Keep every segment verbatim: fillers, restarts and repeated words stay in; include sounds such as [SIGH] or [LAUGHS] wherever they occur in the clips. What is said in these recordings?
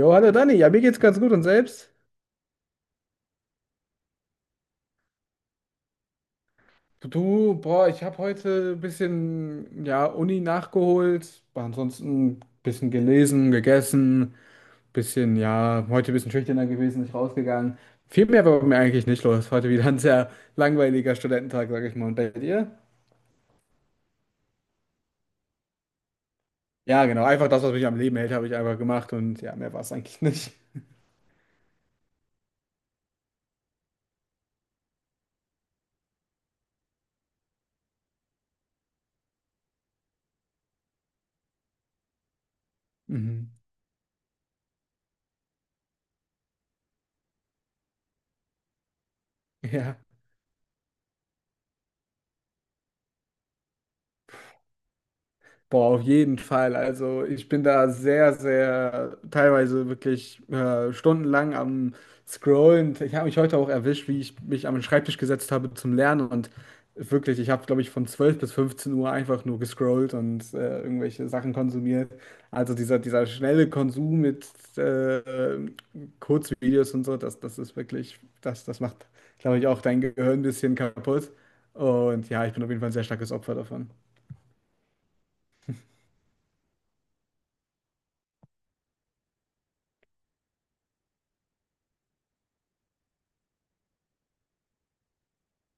Jo, hallo Dani, ja, mir geht's ganz gut und selbst? Du, boah, ich habe heute ein bisschen, ja, Uni nachgeholt, aber ansonsten ein bisschen gelesen, gegessen, bisschen, ja, heute ein bisschen schüchterner gewesen, nicht rausgegangen. Viel mehr war bei mir eigentlich nicht los. Heute wieder ein sehr langweiliger Studententag, sag ich mal. Und bei dir? Ja, genau, einfach das, was mich am Leben hält, habe ich einfach gemacht und ja, mehr war es eigentlich nicht. Mhm. [LAUGHS] Ja. Boah, auf jeden Fall. Also ich bin da sehr, sehr teilweise wirklich äh, stundenlang am Scrollen. Ich habe mich heute auch erwischt, wie ich mich am Schreibtisch gesetzt habe zum Lernen. Und wirklich, ich habe, glaube ich, von zwölf bis fünfzehn Uhr einfach nur gescrollt und äh, irgendwelche Sachen konsumiert. Also dieser, dieser schnelle Konsum mit äh, Kurzvideos und so, das, das ist wirklich, das, das macht, glaube ich, auch dein Gehirn ein bisschen kaputt. Und ja, ich bin auf jeden Fall ein sehr starkes Opfer davon.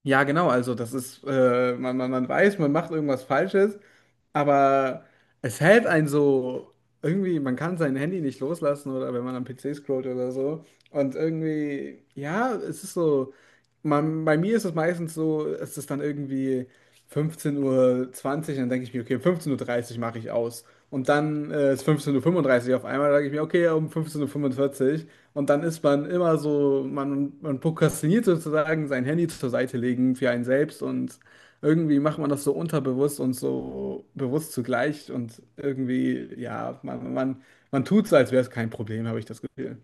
Ja, genau, also das ist, äh, man, man, man weiß, man macht irgendwas Falsches, aber es hält einen so, irgendwie, man kann sein Handy nicht loslassen oder wenn man am P C scrollt oder so. Und irgendwie, ja, es ist so. Man, bei mir ist es meistens so, es ist dann irgendwie fünfzehn Uhr zwanzig, und dann denke ich mir, okay, 15.30 Uhr dreißig mache ich aus. Und dann äh, ist 15.35 Uhr fünfunddreißig auf einmal, dann denke ich mir, okay, um fünfzehn Uhr fünfundvierzig fünfundvierzig. Und dann ist man immer so, man, man prokrastiniert sozusagen, sein Handy zur Seite legen für einen selbst und irgendwie macht man das so unterbewusst und so bewusst zugleich und irgendwie, ja, man, man, man tut so, als wäre es kein Problem, habe ich das Gefühl.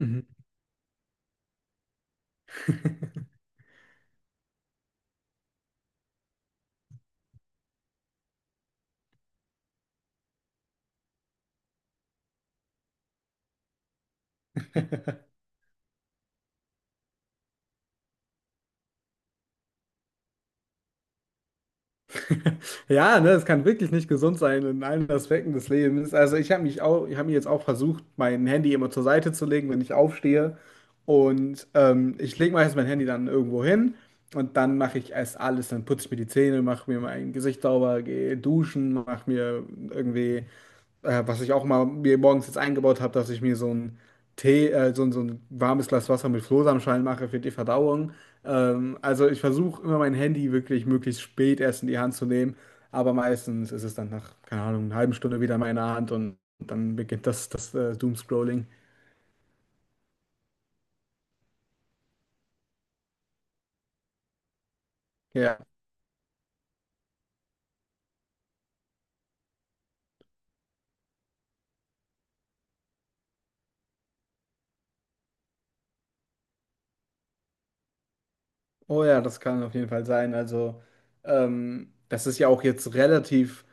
Mhm. [LAUGHS] [LAUGHS] Ja, ne, es kann wirklich nicht gesund sein in allen Aspekten des Lebens. Also ich habe mich auch, ich habe mir jetzt auch versucht, mein Handy immer zur Seite zu legen, wenn ich aufstehe. Und ähm, ich lege meistens mein Handy dann irgendwo hin und dann mache ich erst alles. Dann putze ich mir die Zähne, mache mir mein Gesicht sauber, gehe duschen, mache mir irgendwie äh, was ich auch mal mir morgens jetzt eingebaut habe, dass ich mir so ein Tee, äh, so, ein- so ein warmes Glas Wasser mit Flohsamenschalen mache für die Verdauung. Ähm, also ich versuche immer mein Handy wirklich möglichst spät erst in die Hand zu nehmen, aber meistens ist es dann nach, keine Ahnung, einer halben Stunde wieder in meiner Hand und dann beginnt das, das äh, Doomscrolling. Ja. Oh ja, das kann auf jeden Fall sein. Also ähm, das ist ja auch jetzt relativ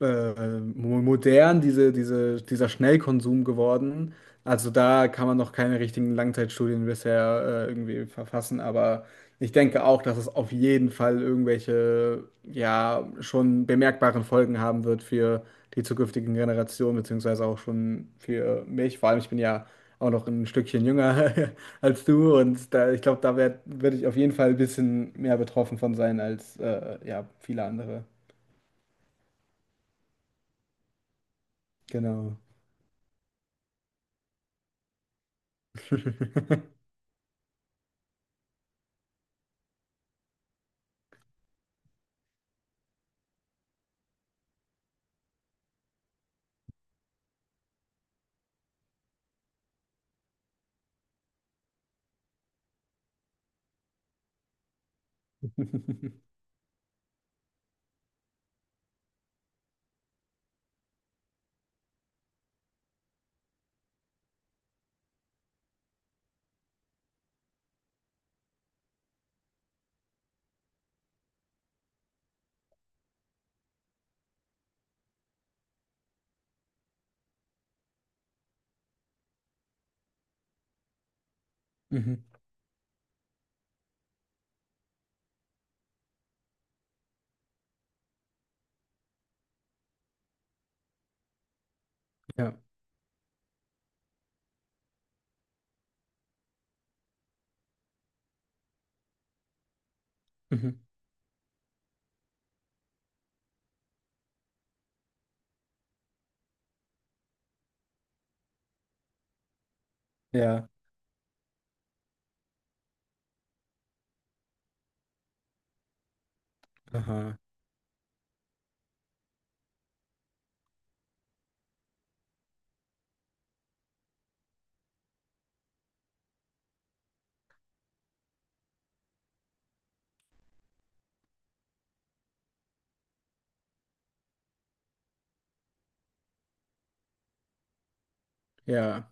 äh, mo- modern diese, diese, dieser Schnellkonsum geworden. Also da kann man noch keine richtigen Langzeitstudien bisher äh, irgendwie verfassen, aber ich denke auch, dass es auf jeden Fall irgendwelche, ja, schon bemerkbaren Folgen haben wird für die zukünftigen Generationen, beziehungsweise auch schon für mich. Vor allem, ich bin ja auch noch ein Stückchen jünger [LAUGHS] als du und da, ich glaube, da werde werd werd ich auf jeden Fall ein bisschen mehr betroffen von sein als äh, ja, viele andere. Genau. Mhm. Ja. Mhm. Ja. Aha. Ja.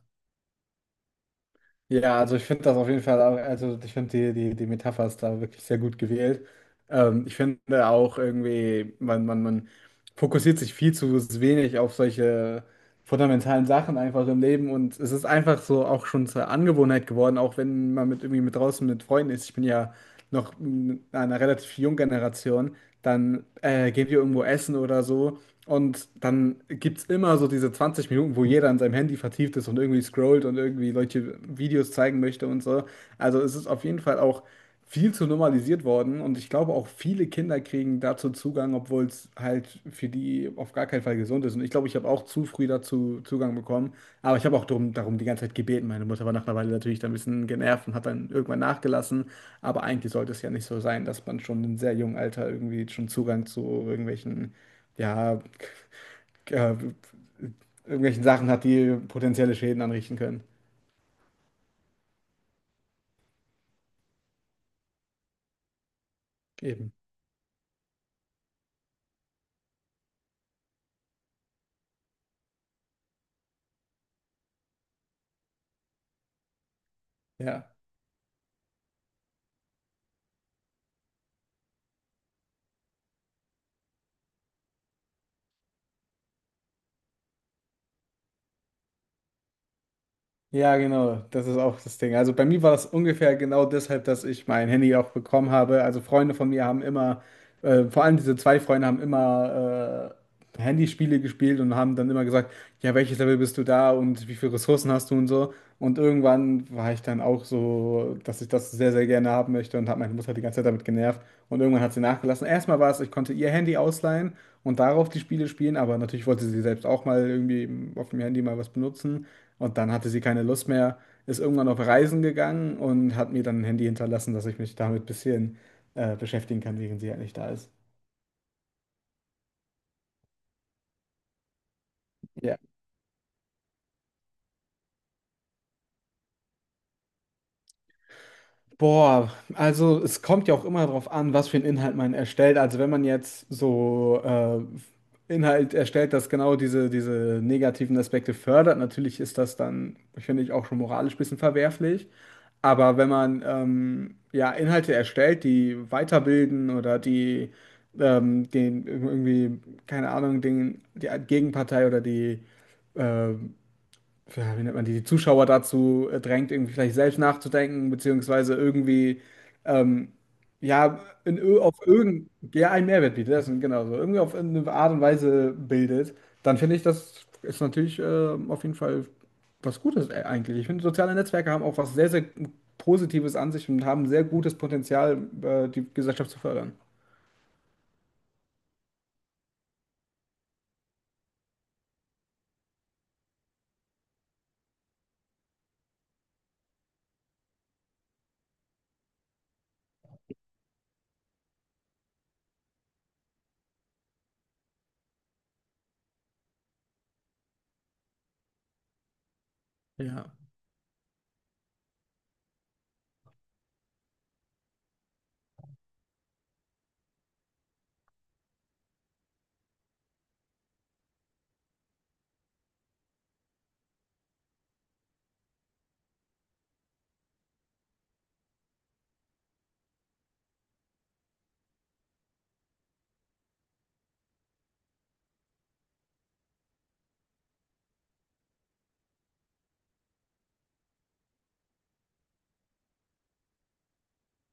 Ja, also ich finde das auf jeden Fall auch, also ich finde die, die, die Metapher ist da wirklich sehr gut gewählt. Ähm, ich finde auch irgendwie, man, man, man fokussiert sich viel zu wenig auf solche fundamentalen Sachen einfach im Leben und es ist einfach so auch schon zur Angewohnheit geworden, auch wenn man mit irgendwie mit draußen mit Freunden ist. Ich bin ja noch in einer relativ jungen Generation, dann äh, gehen wir irgendwo essen oder so. Und dann gibt es immer so diese zwanzig Minuten, wo jeder an seinem Handy vertieft ist und irgendwie scrollt und irgendwie solche Videos zeigen möchte und so. Also es ist auf jeden Fall auch viel zu normalisiert worden und ich glaube auch viele Kinder kriegen dazu Zugang, obwohl es halt für die auf gar keinen Fall gesund ist. Und ich glaube, ich habe auch zu früh dazu Zugang bekommen, aber ich habe auch drum, darum die ganze Zeit gebeten. Meine Mutter war nach einer Weile natürlich dann ein bisschen genervt und hat dann irgendwann nachgelassen. Aber eigentlich sollte es ja nicht so sein, dass man schon in sehr jungem Alter irgendwie schon Zugang zu irgendwelchen, ja, äh, irgendwelchen Sachen hat, die potenzielle Schäden anrichten können. Eben. Ja. Ja, genau, das ist auch das Ding. Also bei mir war das ungefähr genau deshalb, dass ich mein Handy auch bekommen habe. Also Freunde von mir haben immer, äh, vor allem diese zwei Freunde haben immer äh, Handyspiele gespielt und haben dann immer gesagt, ja, welches Level bist du da und wie viele Ressourcen hast du und so. Und irgendwann war ich dann auch so, dass ich das sehr, sehr gerne haben möchte und habe meine Mutter die ganze Zeit damit genervt. Und irgendwann hat sie nachgelassen. Erstmal war es, ich konnte ihr Handy ausleihen und darauf die Spiele spielen, aber natürlich wollte sie selbst auch mal irgendwie auf dem Handy mal was benutzen. Und dann hatte sie keine Lust mehr, ist irgendwann auf Reisen gegangen und hat mir dann ein Handy hinterlassen, dass ich mich damit ein bisschen äh, beschäftigen kann, während sie halt nicht da ist. Ja. Boah, also es kommt ja auch immer darauf an, was für einen Inhalt man erstellt. Also wenn man jetzt so äh, Inhalt erstellt, das genau diese, diese negativen Aspekte fördert, natürlich ist das dann, finde ich, auch schon moralisch ein bisschen verwerflich. Aber wenn man ähm, ja Inhalte erstellt, die weiterbilden oder die ähm, den irgendwie, keine Ahnung, den, die Gegenpartei oder die äh, ja, wie nennt man die, die, Zuschauer dazu äh, drängt, irgendwie vielleicht selbst nachzudenken, beziehungsweise irgendwie, ähm, ja, in, ir- auf irgendeinen, ja, einen Mehrwert bietet, das ist genau so, irgendwie auf eine Art und Weise bildet, dann finde ich, das ist natürlich ähm, auf jeden Fall was Gutes äh, eigentlich. Ich finde, soziale Netzwerke haben auch was sehr, sehr Positives an sich und haben sehr gutes Potenzial, äh, die Gesellschaft zu fördern. Ja.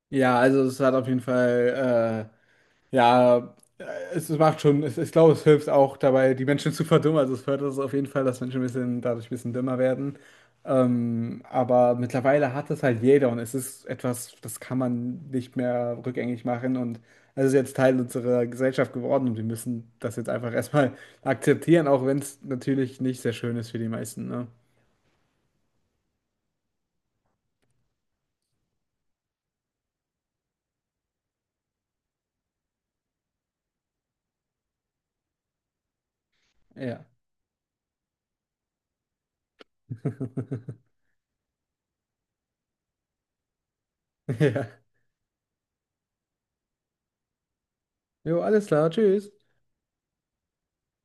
Ja, also es hat auf jeden Fall. äh, Ja, äh, es es macht schon, es, ich glaube, es hilft auch dabei, die Menschen zu verdummen. Also es fördert es auf jeden Fall, dass Menschen ein bisschen, dadurch ein bisschen dümmer werden. Ähm, aber mittlerweile hat es halt jeder und es ist etwas, das kann man nicht mehr rückgängig machen. Und es ist jetzt Teil unserer Gesellschaft geworden und wir müssen das jetzt einfach erstmal [LAUGHS] akzeptieren, auch wenn es natürlich nicht sehr schön ist für die meisten, ne? Ja. [LAUGHS] Ja. Jo, alles klar, tschüss.